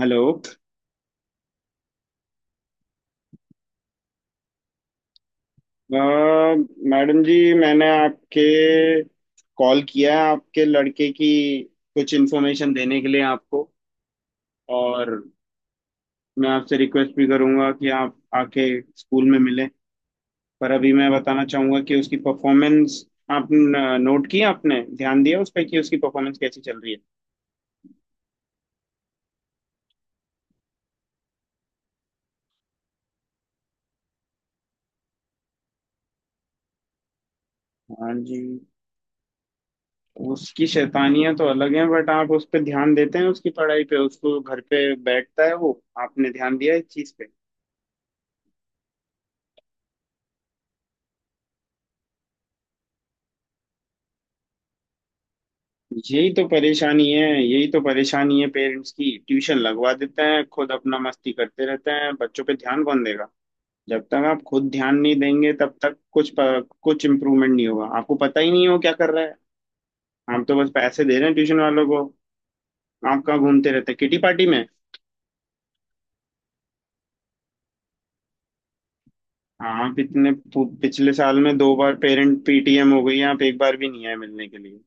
Hello. अ, madam जी, मैंने आपके कॉल किया है आपके लड़के की कुछ इन्फॉर्मेशन देने के लिए आपको। और मैं आपसे रिक्वेस्ट भी करूंगा कि आप आके स्कूल में मिलें। पर अभी मैं बताना चाहूंगा कि उसकी परफॉर्मेंस आप नोट की, आपने ध्यान दिया उस पर कि उसकी परफॉर्मेंस कैसी चल रही है। हाँ जी, उसकी शैतानियां तो अलग हैं, बट आप उस पर ध्यान देते हैं उसकी पढ़ाई पे, उसको घर पे बैठता है वो, आपने ध्यान दिया इस चीज़ पे। यही तो परेशानी है, यही तो परेशानी है पेरेंट्स की। ट्यूशन लगवा देते हैं, खुद अपना मस्ती करते रहते हैं, बच्चों पे ध्यान कौन देगा। जब तक आप खुद ध्यान नहीं देंगे तब तक कुछ कुछ इम्प्रूवमेंट नहीं होगा। आपको पता ही नहीं हो क्या कर रहा है। हम तो बस पैसे दे रहे हैं ट्यूशन वालों को। आप कहाँ घूमते रहते हैं, किटी पार्टी में। आप इतने पिछले साल में दो बार पेरेंट पीटीएम हो गई, आप एक बार भी नहीं आए मिलने के लिए।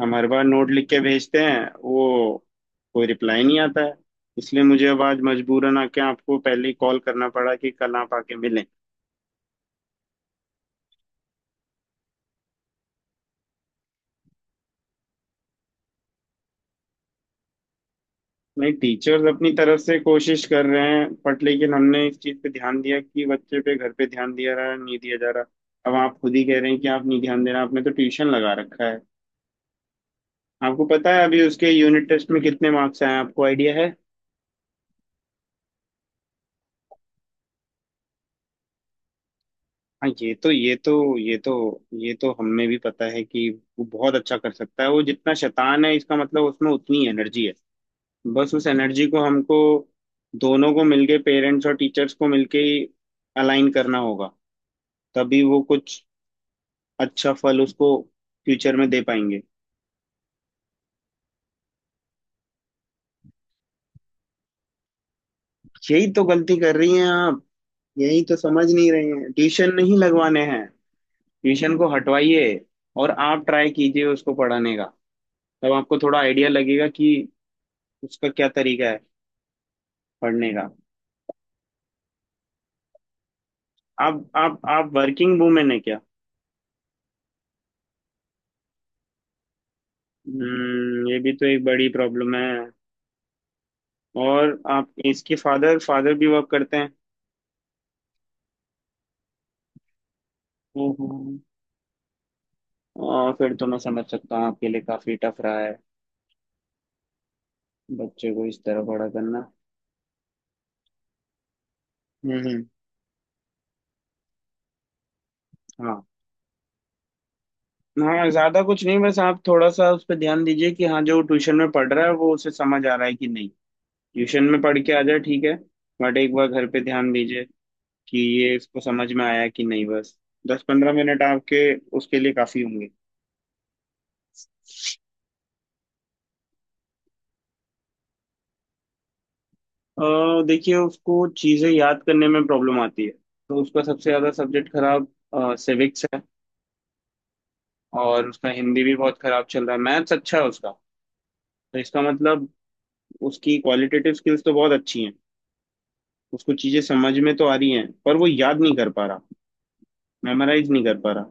हम हर बार नोट लिख के भेजते हैं वो, कोई रिप्लाई नहीं आता है। इसलिए मुझे अब आज मजबूरन आके आपको पहले ही कॉल करना पड़ा कि कल आप आके मिलें। नहीं, टीचर्स अपनी तरफ से कोशिश कर रहे हैं बट लेकिन हमने इस चीज़ पे ध्यान दिया कि बच्चे पे घर पे ध्यान दिया रहा नहीं, दिया जा रहा। अब आप खुद ही कह रहे हैं कि आप नहीं ध्यान दे रहे, आपने तो ट्यूशन लगा रखा है। आपको पता है अभी उसके यूनिट टेस्ट में कितने मार्क्स आए हैं? आपको आइडिया है? हाँ, ये तो ये तो हमें भी पता है कि वो बहुत अच्छा कर सकता है। वो जितना शैतान है, इसका मतलब उसमें उतनी एनर्जी है। बस उस एनर्जी को हमको दोनों को मिलके, पेरेंट्स और टीचर्स को मिलके ही अलाइन करना होगा। तभी वो कुछ अच्छा फल उसको फ्यूचर में दे पाएंगे। यही तो गलती कर रही हैं आप। यही तो समझ नहीं रहे हैं, ट्यूशन नहीं लगवाने हैं। ट्यूशन को हटवाइए, और आप ट्राई कीजिए उसको पढ़ाने का। तब आपको थोड़ा आइडिया लगेगा कि उसका क्या तरीका है पढ़ने का। आप वर्किंग वूमेन है क्या? हम्म, ये भी तो एक बड़ी प्रॉब्लम है। और आप इसके फादर फादर भी वर्क करते हैं? हम्म, और फिर तो मैं समझ सकता हूँ आपके लिए काफी टफ रहा है बच्चे को इस तरह बड़ा करना। हम्म। हाँ हाँ, ज्यादा कुछ नहीं, बस आप थोड़ा सा उस पर ध्यान दीजिए कि हाँ, जो ट्यूशन में पढ़ रहा है वो उसे समझ आ रहा है कि नहीं। ट्यूशन में पढ़ के आ जाए, ठीक है, बट एक बार घर पे ध्यान दीजिए कि ये इसको समझ में आया कि नहीं, बस। 10-15 मिनट आपके उसके लिए काफी होंगे। देखिए, उसको चीजें याद करने में प्रॉब्लम आती है। तो उसका सबसे ज्यादा सब्जेक्ट खराब सिविक्स है। और उसका हिंदी भी बहुत खराब चल रहा है, मैथ्स अच्छा है उसका। तो इसका मतलब उसकी क्वालिटेटिव स्किल्स तो बहुत अच्छी हैं, उसको चीजें समझ में तो आ रही हैं पर वो याद नहीं कर पा रहा, मेमोराइज नहीं कर पा रहा।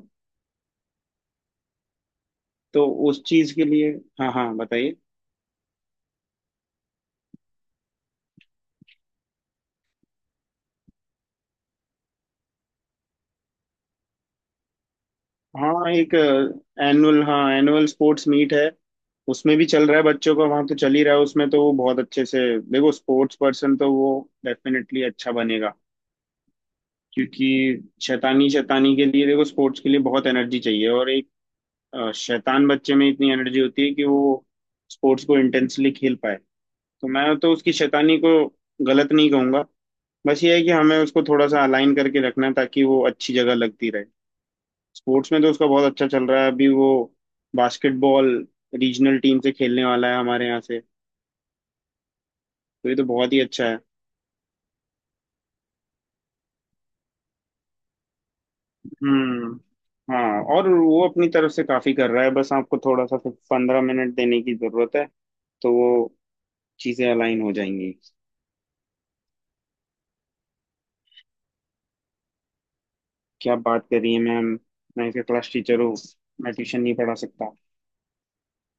तो उस चीज के लिए हाँ हाँ, बताइए। हाँ, एक एनुअल हाँ एनुअल स्पोर्ट्स मीट है, उसमें भी चल रहा है बच्चों का, वहाँ तो चल ही रहा है, उसमें तो वो बहुत अच्छे से। देखो, स्पोर्ट्स पर्सन तो वो डेफिनेटली अच्छा बनेगा, क्योंकि शैतानी, शैतानी के लिए देखो स्पोर्ट्स के लिए बहुत एनर्जी चाहिए, और एक शैतान बच्चे में इतनी एनर्जी होती है कि वो स्पोर्ट्स को इंटेंसली खेल पाए। तो मैं तो उसकी शैतानी को गलत नहीं कहूंगा, बस ये है कि हमें उसको थोड़ा सा अलाइन करके रखना है ताकि वो अच्छी जगह लगती रहे। स्पोर्ट्स में तो उसका बहुत अच्छा चल रहा है, अभी वो बास्केटबॉल रीजनल टीम से खेलने वाला है हमारे यहाँ से, तो ये तो बहुत ही अच्छा है। हम्म, हाँ, और वो अपनी तरफ से काफी कर रहा है, बस आपको थोड़ा सा 15 मिनट देने की जरूरत है। तो वो चीजें अलाइन हो जाएंगी। क्या बात कर रही है मैम, मैं इसका क्लास टीचर हूँ। मैं ट्यूशन नहीं पढ़ा सकता,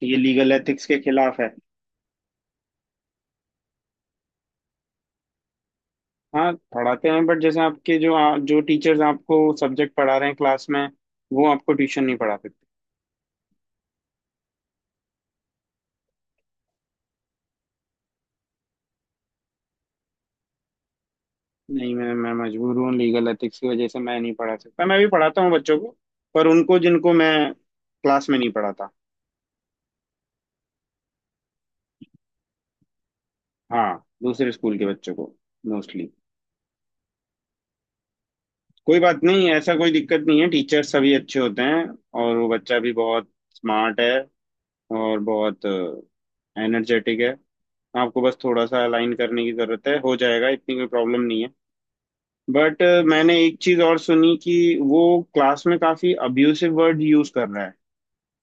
ये लीगल एथिक्स के खिलाफ है। हाँ पढ़ाते हैं बट जैसे आपके जो जो टीचर्स आपको सब्जेक्ट पढ़ा रहे हैं क्लास में, वो आपको ट्यूशन नहीं पढ़ा सकते। नहीं, मैं मजबूर हूँ, लीगल एथिक्स की वजह से मैं नहीं पढ़ा सकता। मैं भी पढ़ाता हूँ बच्चों को, पर उनको जिनको मैं क्लास में नहीं पढ़ाता। हाँ, दूसरे स्कूल के बच्चों को मोस्टली। कोई बात नहीं, ऐसा कोई दिक्कत नहीं है, टीचर सभी अच्छे होते हैं। और वो बच्चा भी बहुत स्मार्ट है, और बहुत एनर्जेटिक है। आपको बस थोड़ा सा अलाइन करने की जरूरत है, हो जाएगा, इतनी कोई प्रॉब्लम नहीं है। बट मैंने एक चीज और सुनी कि वो क्लास में काफी अब्यूसिव वर्ड यूज कर रहा है।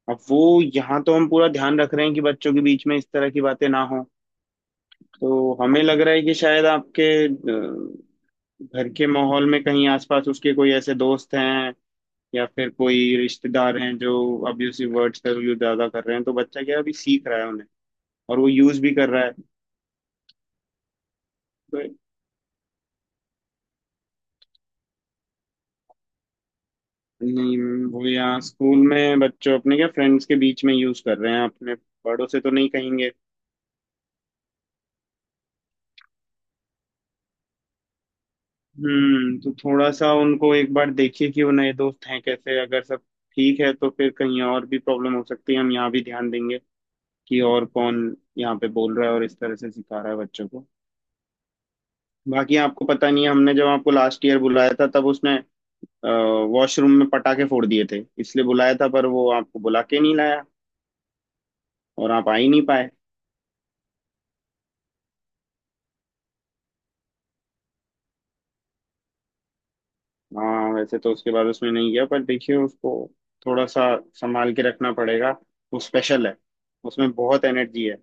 अब वो यहाँ तो हम पूरा ध्यान रख रहे हैं कि बच्चों के बीच में इस तरह की बातें ना हो, तो हमें लग रहा है कि शायद आपके घर के माहौल में कहीं आसपास उसके कोई ऐसे दोस्त हैं या फिर कोई रिश्तेदार हैं जो अब्यूसिव वर्ड्स का यूज ज्यादा कर रहे हैं, तो बच्चा क्या है, अभी सीख रहा है उन्हें और वो यूज भी कर रहा है। तो नहीं, वो यहाँ स्कूल में बच्चों अपने क्या फ्रेंड्स के बीच में यूज कर रहे हैं अपने, बड़ों से तो नहीं कहेंगे। हम्म, तो थोड़ा सा उनको एक बार देखिए कि वो नए दोस्त हैं कैसे, अगर सब ठीक है तो फिर कहीं और भी प्रॉब्लम हो सकती है। हम यहाँ भी ध्यान देंगे कि और कौन यहाँ पे बोल रहा है और इस तरह से सिखा रहा है बच्चों को। बाकी आपको पता नहीं है, हमने जब आपको लास्ट ईयर बुलाया था तब उसने वॉशरूम में पटाखे फोड़ दिए थे, इसलिए बुलाया था, पर वो आपको बुला के नहीं लाया और आप आ ही नहीं पाए। हाँ, वैसे तो उसके बाद उसमें नहीं गया, पर देखिए उसको थोड़ा सा संभाल के रखना पड़ेगा। वो स्पेशल है, उसमें बहुत एनर्जी है,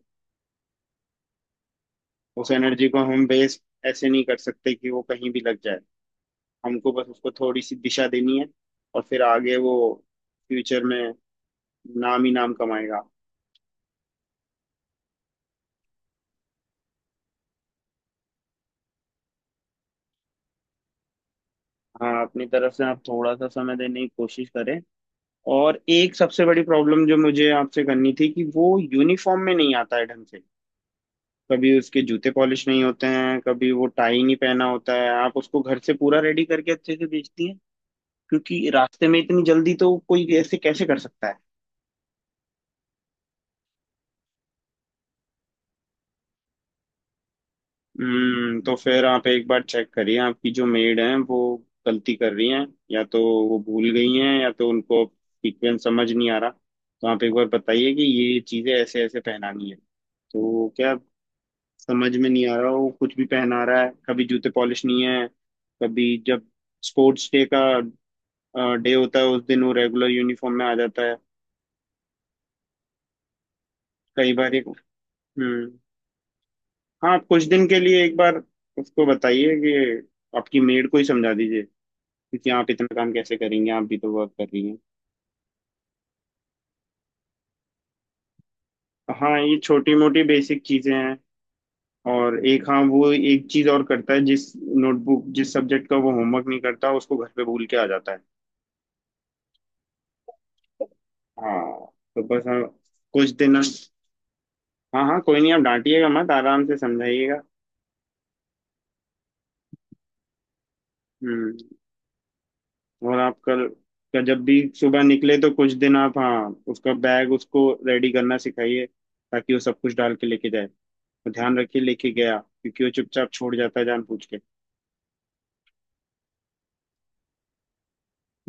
उस एनर्जी को हम वेस्ट ऐसे नहीं कर सकते कि वो कहीं भी लग जाए। हमको बस उसको थोड़ी सी दिशा देनी है और फिर आगे वो फ्यूचर में नाम ही नाम कमाएगा। हाँ, अपनी तरफ से आप थोड़ा सा समय देने की कोशिश करें। और एक सबसे बड़ी प्रॉब्लम जो मुझे आपसे करनी थी कि वो यूनिफॉर्म में नहीं आता है ढंग से, कभी उसके जूते पॉलिश नहीं होते हैं, कभी वो टाई नहीं पहना होता है। आप उसको घर से पूरा रेडी करके अच्छे से बेचती हैं, क्योंकि रास्ते में इतनी जल्दी तो कोई ऐसे कैसे कर सकता है। हम्म, तो फिर आप एक बार चेक करिए आपकी जो मेड हैं वो गलती कर रही हैं, या तो वो भूल गई हैं या तो उनको सीक्वेंस समझ नहीं आ रहा। तो आप एक बार बताइए कि ये चीज़ें ऐसे ऐसे पहनानी है, तो वो क्या समझ में नहीं आ रहा, वो कुछ भी पहना रहा है, कभी जूते पॉलिश नहीं है, कभी जब स्पोर्ट्स डे का डे होता है उस दिन वो रेगुलर यूनिफॉर्म में आ जाता है। कई बार एक, हम्म, हाँ आप कुछ दिन के लिए एक बार उसको बताइए कि आपकी मेड को ही समझा दीजिए, क्योंकि आप इतना काम कैसे करेंगे, आप भी तो वर्क कर रही हैं। हाँ, ये छोटी मोटी बेसिक चीजें हैं। और एक, हाँ, वो एक चीज और करता है, जिस नोटबुक जिस सब्जेक्ट का वो होमवर्क नहीं करता उसको घर पे भूल के आ जाता है। हाँ, तो बस हाँ, कुछ दिन, हाँ हाँ, कोई नहीं, आप डांटिएगा मत, आराम से समझाइएगा। हम्म। और आप कल का जब भी सुबह निकले तो कुछ दिन आप, हाँ, उसका बैग उसको रेडी करना सिखाइए, ताकि वो सब कुछ डाल के लेके जाए, तो ध्यान रखिए लेके गया, क्योंकि वो चुपचाप छोड़ जाता है जान पूछ के।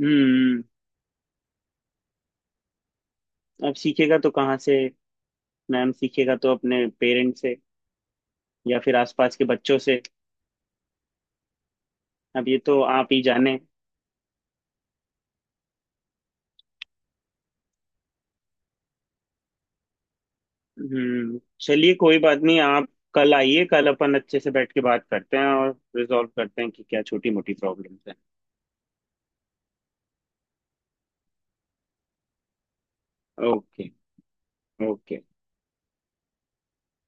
हम्म, अब सीखेगा तो कहाँ से, मैम सीखेगा तो अपने पेरेंट्स से या फिर आसपास के बच्चों से, अब ये तो आप ही जाने। हम्म, चलिए कोई बात नहीं, आप कल आइए, कल अपन अच्छे से बैठ के बात करते हैं और रिजॉल्व करते हैं कि क्या छोटी मोटी प्रॉब्लम्स हैं। Okay, okay.